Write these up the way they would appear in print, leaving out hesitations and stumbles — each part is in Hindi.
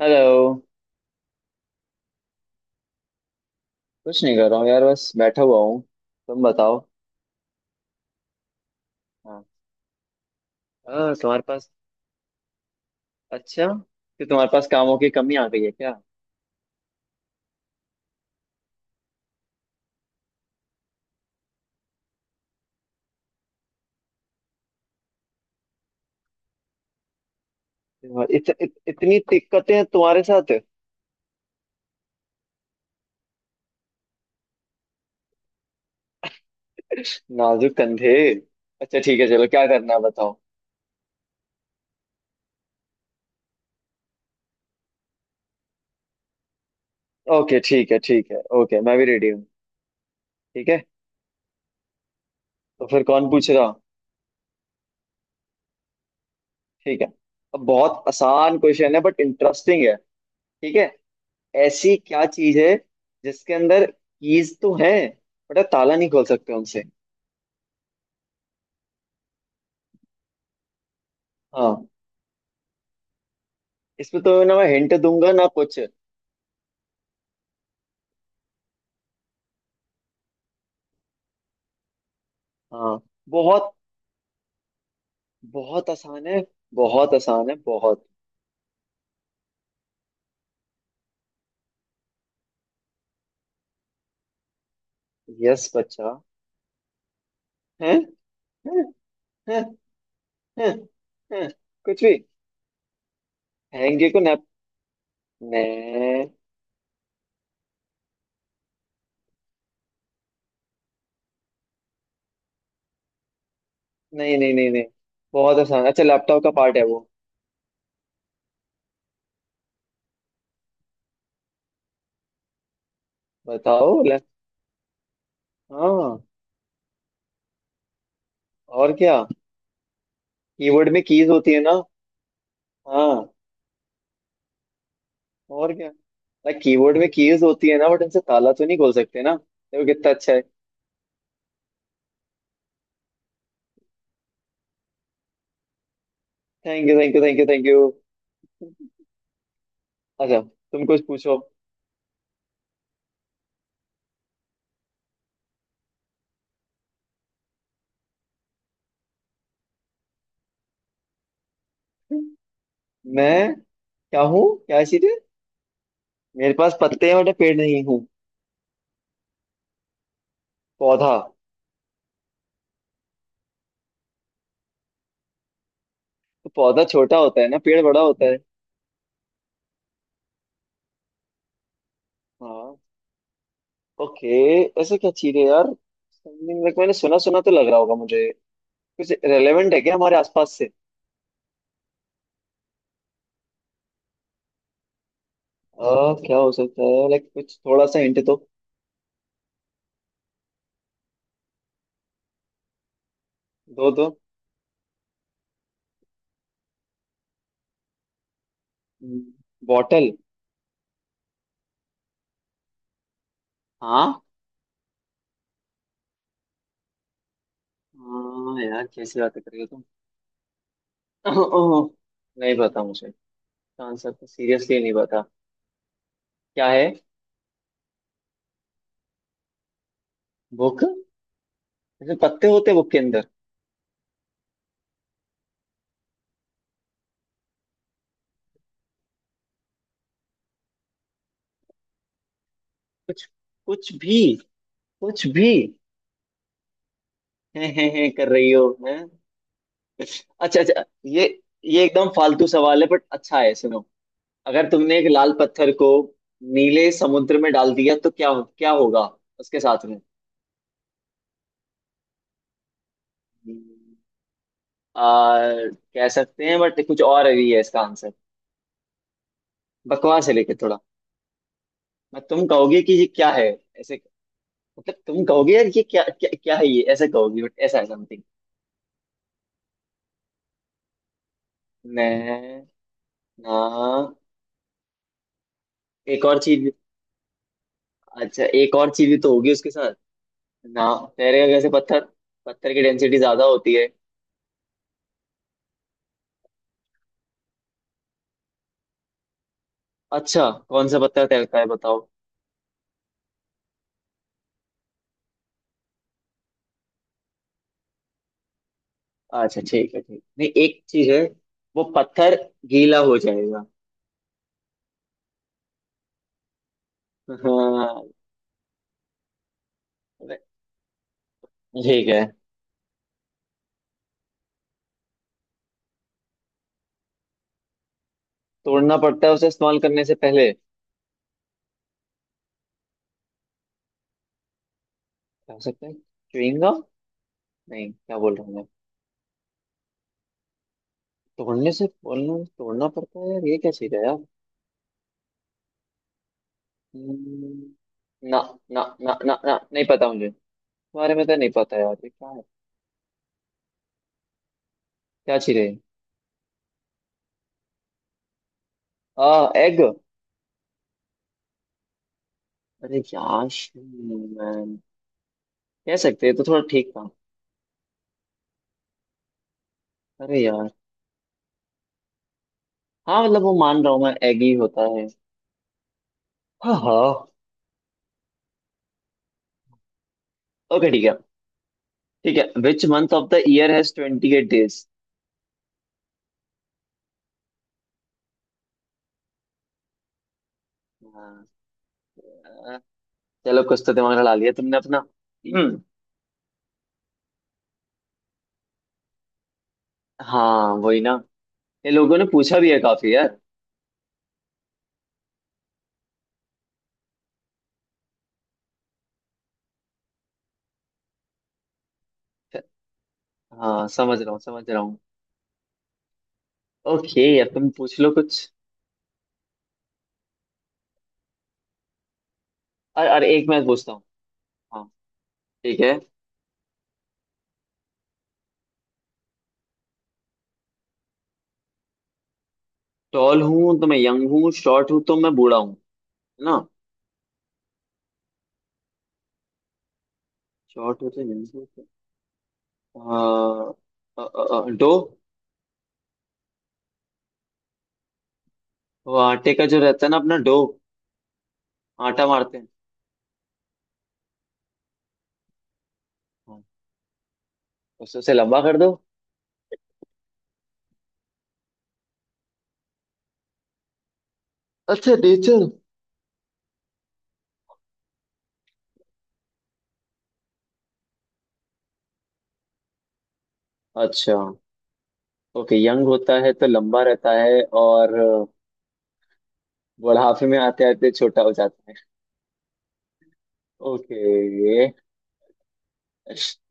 हेलो। कुछ नहीं कर रहा हूँ यार, बस बैठा हुआ हूँ। तुम बताओ। हाँ। हाँ, तुम्हारे पास। अच्छा, कि तुम्हारे पास कामों की कमी आ गई है क्या? इत, इत, इतनी दिक्कतें हैं तुम्हारे साथ। नाजुक कंधे। अच्छा ठीक है, चलो क्या करना है बताओ। ओके ठीक है, ठीक है ओके, मैं भी रेडी हूँ। ठीक है। तो फिर कौन पूछ रहा? ठीक है। अब बहुत आसान क्वेश्चन है बट इंटरेस्टिंग है। ठीक है। ऐसी क्या चीज है जिसके अंदर कीज तो है बट ताला नहीं खोल सकते उनसे? हाँ। इसमें तो ना मैं हिंट दूंगा ना कुछ। हाँ। बहुत बहुत आसान है। बहुत आसान है बहुत। यस बच्चा। हैं। हैं। हैं। हैं। हैं। कुछ भी। हैंगे को नैप। नहीं। नहीं नहीं नहीं नहीं। बहुत आसान। अच्छा लैपटॉप का पार्ट है वो। बताओ ले। हाँ। और क्या? कीबोर्ड में कीज होती है ना। हाँ। और क्या? लाइक कीबोर्ड में कीज होती है ना बट उनसे ताला तो नहीं खोल सकते ना। देखो कितना अच्छा है। Thank you thank you thank you thank you. अच्छा। तुम कुछ पूछो। मैं क्या हूँ? क्या चीजें? मेरे पास पत्ते हैं बट पेड़ नहीं हूँ। पौधा। तो पौधा छोटा होता है ना, पेड़ बड़ा होता है। हाँ। ओके। ऐसे क्या चीज है यार? समथिंग लाइक मैंने सुना सुना तो लग रहा होगा मुझे। कुछ रेलेवेंट है क्या हमारे आसपास से? क्या हो सकता है? लाइक कुछ थोड़ा सा हिंट तो दो दो। बॉटल? हाँ। हाँ यार कैसी बात कर रही हो तुम। नहीं पता मुझे। इसका आंसर तो सीरियसली नहीं पता। क्या है? बुक? जैसे पत्ते होते हैं बुक के अंदर। कुछ। कुछ भी। कुछ भी। है कर रही हो है। अच्छा अच्छा, ये एकदम फालतू सवाल है बट अच्छा है, सुनो। अगर तुमने एक लाल पत्थर को नीले समुद्र में डाल दिया तो क्या, क्या होगा उसके साथ में? आ, कह सकते हैं बट कुछ और भी है इसका आंसर। बकवास है लेकिन थोड़ा। मैं, तुम कहोगे कि ये क्या है ऐसे। मतलब तुम कहोगे यार ये क्या क्या, क्या है ये, ऐसा कहोगी बट ऐसा है समथिंग। मैं ना, एक और चीज। अच्छा एक और चीज भी तो होगी उसके साथ। ना। तैरेगा कैसे पत्थर? पत्थर की डेंसिटी ज्यादा होती है। अच्छा कौन सा पत्थर तैरता है बताओ? अच्छा ठीक है ठीक, नहीं एक चीज है। वो पत्थर गीला हो जाएगा। हाँ। ठीक है। तोड़ना पड़ता है उसे इस्तेमाल करने से पहले। क्या हो सकता है? chewing gum? नहीं, क्या बोल रहा हूँ मैं। तोड़ने से बोलना तोड़ना पड़ता है यार, ये क्या चीज है यार। हम्म। ना ना ना ना ना, नहीं पता मुझे। तुम्हारे में तो, नहीं पता यार ये क्या है। क्या चीज है? एग? अरे यार। मैन। कह सकते हैं तो थोड़ा ठीक था। अरे यार। हाँ मतलब वो मान रहा हूँ मैं, एग ही होता है। हाँ हाँ। ओके ठीक है। ठीक है, which month of the year has 28 days? चलो कुछ तो दिमाग लड़ा लिया तुमने अपना। हम्म। हाँ वही ना। ये लोगों ने पूछा भी है काफी यार। हाँ समझ रहा हूँ, समझ रहा हूँ। ओके यार तुम पूछ लो कुछ। अरे अरे, एक मैं पूछता हूँ। हाँ। ठीक है। टॉल हूँ तो मैं यंग हूँ, शॉर्ट हूँ तो मैं बूढ़ा हूँ, है ना? शॉर्ट होते हैं। हाँ, डो। वो आटे का जो रहता है ना अपना, डो। आटा मारते हैं। हाँ, उसे उसे लंबा कर दो। अच्छा नेचर। अच्छा। ओके यंग होता है तो लंबा रहता है और बुढ़ापे में आते आते छोटा हो जाता है। ओके।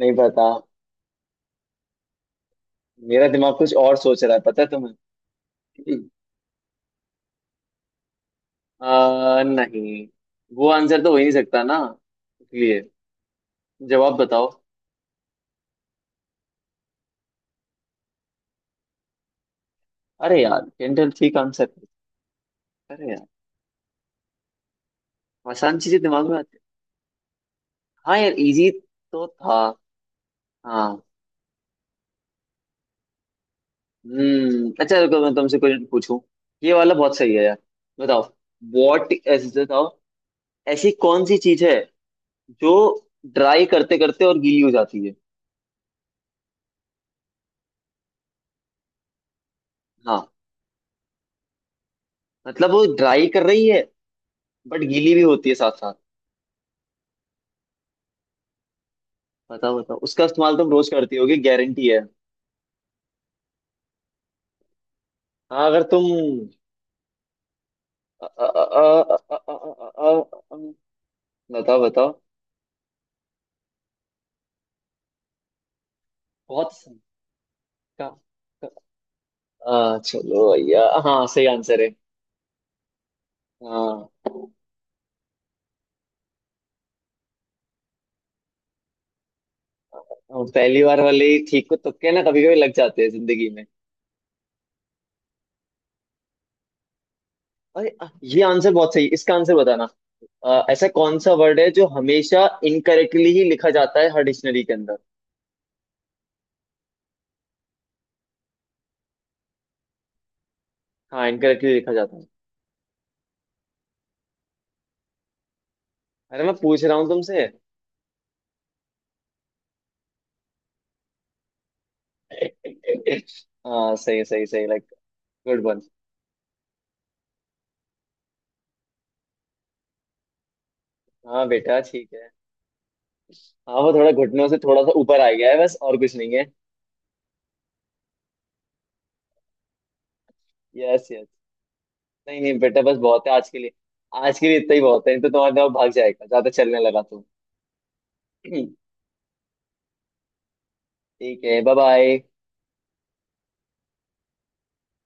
नहीं पता। मेरा दिमाग कुछ और सोच रहा है पता है तुम्हें। नहीं, वो आंसर तो हो ही नहीं सकता ना, इसलिए। जवाब बताओ। अरे यार कैंडल ठीक आंसर है। अरे यार। आसान चीजें दिमाग में आती है। हाँ यार इजी तो था। हाँ। हम्म। अच्छा रुको मैं तुमसे कुछ पूछूं। ये वाला बहुत सही है यार। बताओ। वॉट, ऐसे बताओ। ऐसी कौन सी चीज है जो ड्राई करते करते और गीली हो जाती है? हाँ मतलब वो ड्राई कर रही है बट गीली भी होती है साथ साथ। बताओ बताओ, उसका इस्तेमाल तुम रोज करती होगी गारंटी है। हाँ अगर तुम। अ, अ, अ, अ, अ, अ, अ, अ, अ, बताओ बताओ। बहुत आसान। चलो भैया, हाँ सही आंसर है। हाँ, हाँ, पहली बार वाले ही ठीक को, तुक्के ना कभी कभी लग जाते हैं जिंदगी में। अरे, ये आंसर बहुत सही है, इसका आंसर बताना। ऐसा कौन सा वर्ड है जो हमेशा इनकरेक्टली ही लिखा जाता है हर डिक्शनरी के अंदर? हाँ, इनकरेक्टली लिखा जाता है। अरे मैं पूछ रहा हूँ तुमसे। हाँ सही सही सही, लाइक गुड वन। हाँ बेटा ठीक है। हाँ वो थोड़ा घुटनों से थोड़ा सा ऊपर आ गया है बस, और कुछ नहीं है। यस। नहीं नहीं बेटा, बस बहुत है आज के लिए। आज के लिए इतना ही बहुत है, नहीं तो तुम्हारा दिमाग भाग जाएगा ज्यादा चलने लगा तो। ठीक है, बाय बाय।